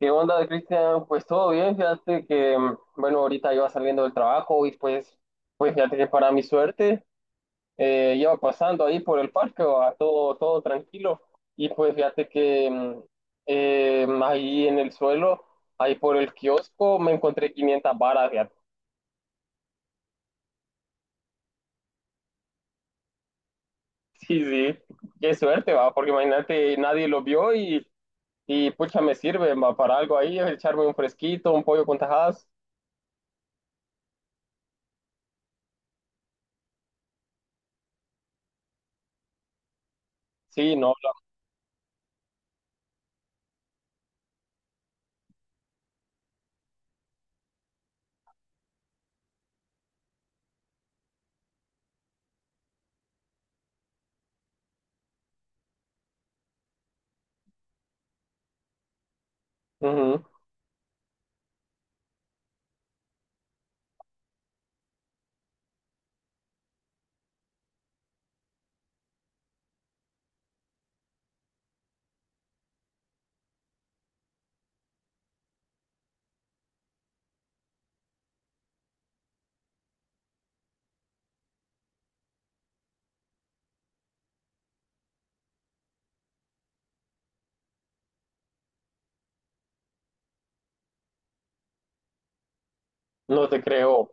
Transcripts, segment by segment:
¿Qué onda, Cristian? Pues todo bien, fíjate que, bueno, ahorita iba saliendo del trabajo y pues fíjate que para mi suerte iba pasando ahí por el parque, va, todo, todo tranquilo. Y pues fíjate que ahí en el suelo, ahí por el kiosco, me encontré 500 varas, fíjate. Sí, sí, qué suerte, va, porque imagínate, nadie lo vio y pucha, me sirve, va, para algo ahí, echarme un fresquito, un pollo con tajadas. Sí, no, ujú, no te creo.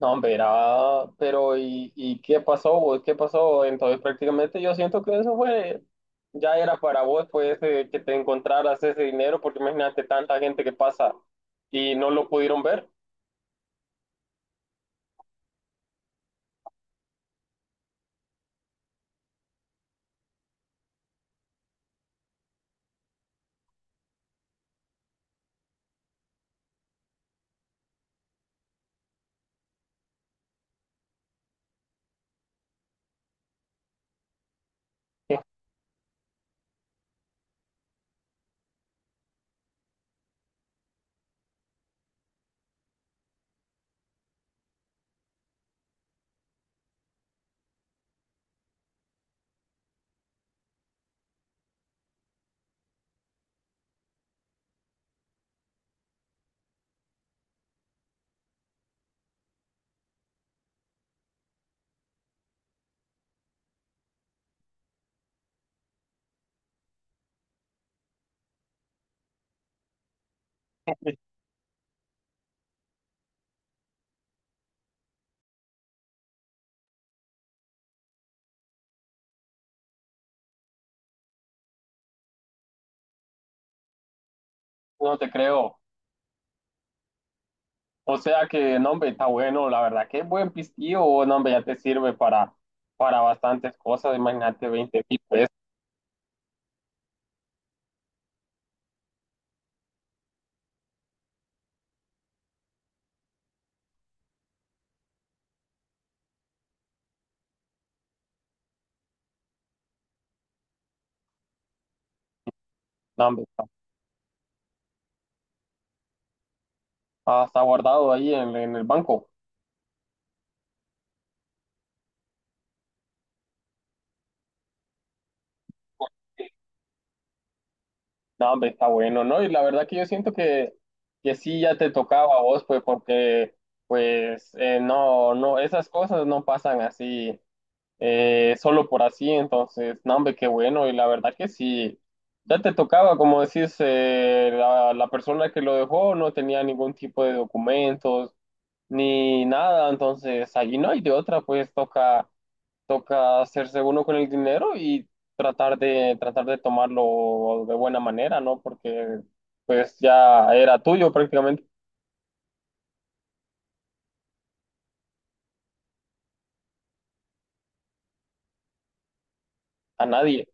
No, hombre, pero ¿y qué pasó vos? ¿Qué pasó? Entonces prácticamente yo siento que eso fue, ya era para vos, pues, que te encontraras ese dinero, porque imagínate tanta gente que pasa y no lo pudieron ver. No te creo. O sea que, no, hombre, está bueno, la verdad, qué buen pistillo, no, hombre, ya te sirve para bastantes cosas, imagínate 20,000 pesos, no, hombre, está guardado ahí en el banco. No, hombre, está bueno, ¿no? Y la verdad que yo siento que sí ya te tocaba a vos, pues, porque, pues, no, no, esas cosas no pasan así, solo por así, entonces, no, hombre, qué bueno, y la verdad que sí, ya te tocaba, como decís, la persona que lo dejó no tenía ningún tipo de documentos ni nada, entonces allí no hay de otra, pues toca hacerse uno con el dinero y tratar de tomarlo de buena manera, ¿no? Porque pues ya era tuyo prácticamente a nadie.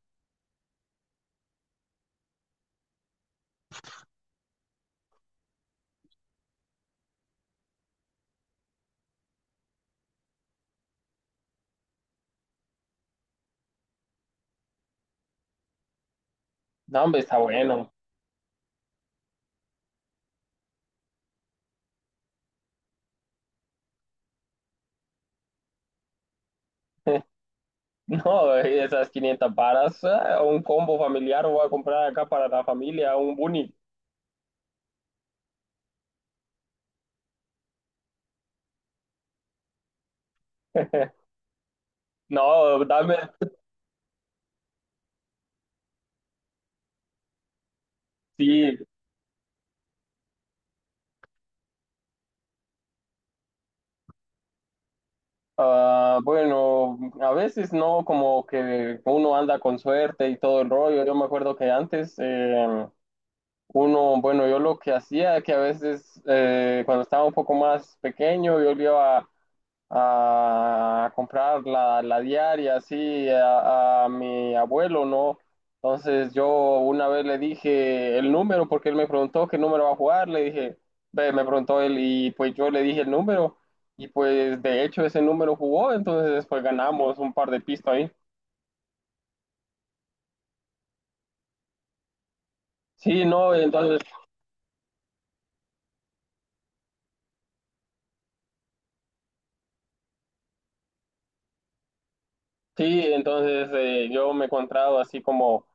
No, hombre, está bueno. No, esas 500 varas, un combo familiar, voy a comprar acá para la familia, un bunny. No, dame, sí. Ah, bueno, a veces no, como que uno anda con suerte y todo el rollo. Yo me acuerdo que antes, uno, bueno, yo lo que hacía, que a veces cuando estaba un poco más pequeño, yo le iba a comprar la diaria así a mi abuelo, ¿no? Entonces yo una vez le dije el número porque él me preguntó qué número va a jugar, le dije, ve, me preguntó él y pues yo le dije el número y pues de hecho ese número jugó, entonces pues ganamos un par de pistas ahí. Sí, no, entonces. Sí, entonces yo me he encontrado así como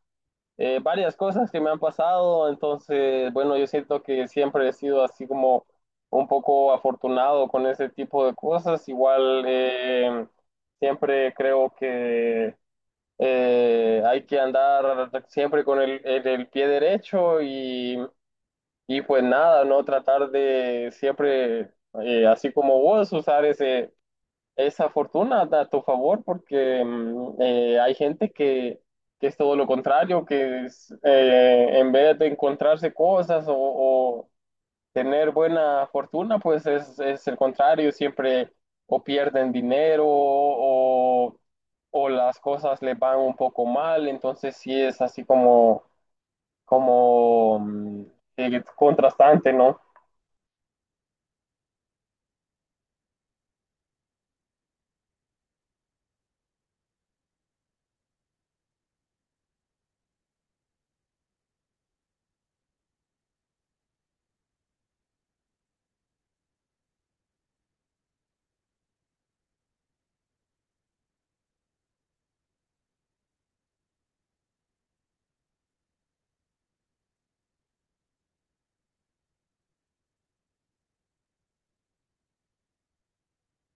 varias cosas que me han pasado, entonces, bueno, yo siento que siempre he sido así como un poco afortunado con ese tipo de cosas, igual siempre creo que hay que andar siempre con el pie derecho y pues nada, no tratar de siempre, así como vos, usar ese esa fortuna da a tu favor porque hay gente que es todo lo contrario, que es, en vez de encontrarse cosas o tener buena fortuna, pues es el contrario, siempre o pierden dinero o las cosas les van un poco mal, entonces sí es así como contrastante, ¿no?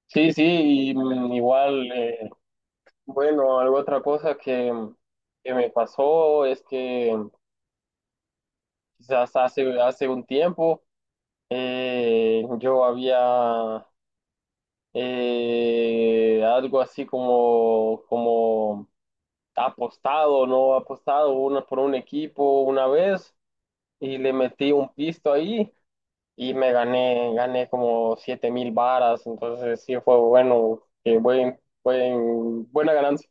Sí, sí, y, igual, bueno, algo otra cosa que me pasó es que quizás hace un tiempo yo había algo así como apostado, ¿no? Apostado por un equipo una vez y le metí un pisto ahí y me gané como 7,000 varas, entonces sí fue bueno, buena ganancia.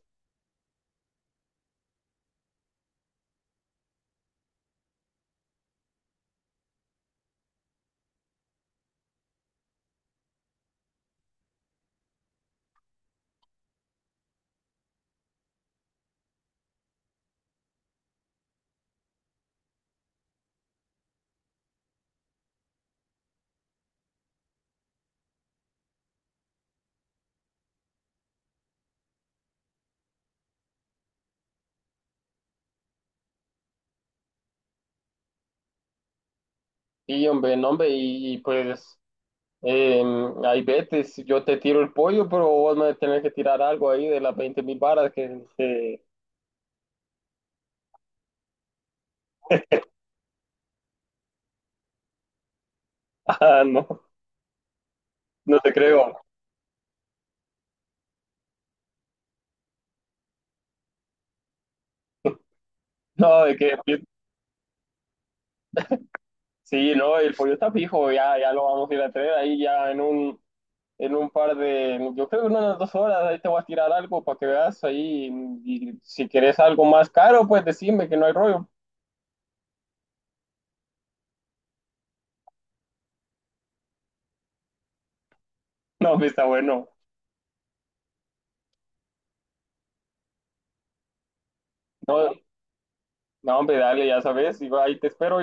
Sí, hombre, no, hombre, pues eh, ahí vete, si yo te tiro el pollo, pero vos me tenés que tirar algo ahí de las 20,000 varas que. Ah, no, no te creo. No, de que sí, no, el pollo está fijo, ya, ya lo vamos a ir a traer ahí ya en un par de, yo creo que en unas 2 horas ahí te voy a tirar algo para que veas ahí y si querés algo más caro, pues decime que no hay rollo. No, hombre, está bueno. No, no, hombre, dale, ya sabes, y ahí te espero.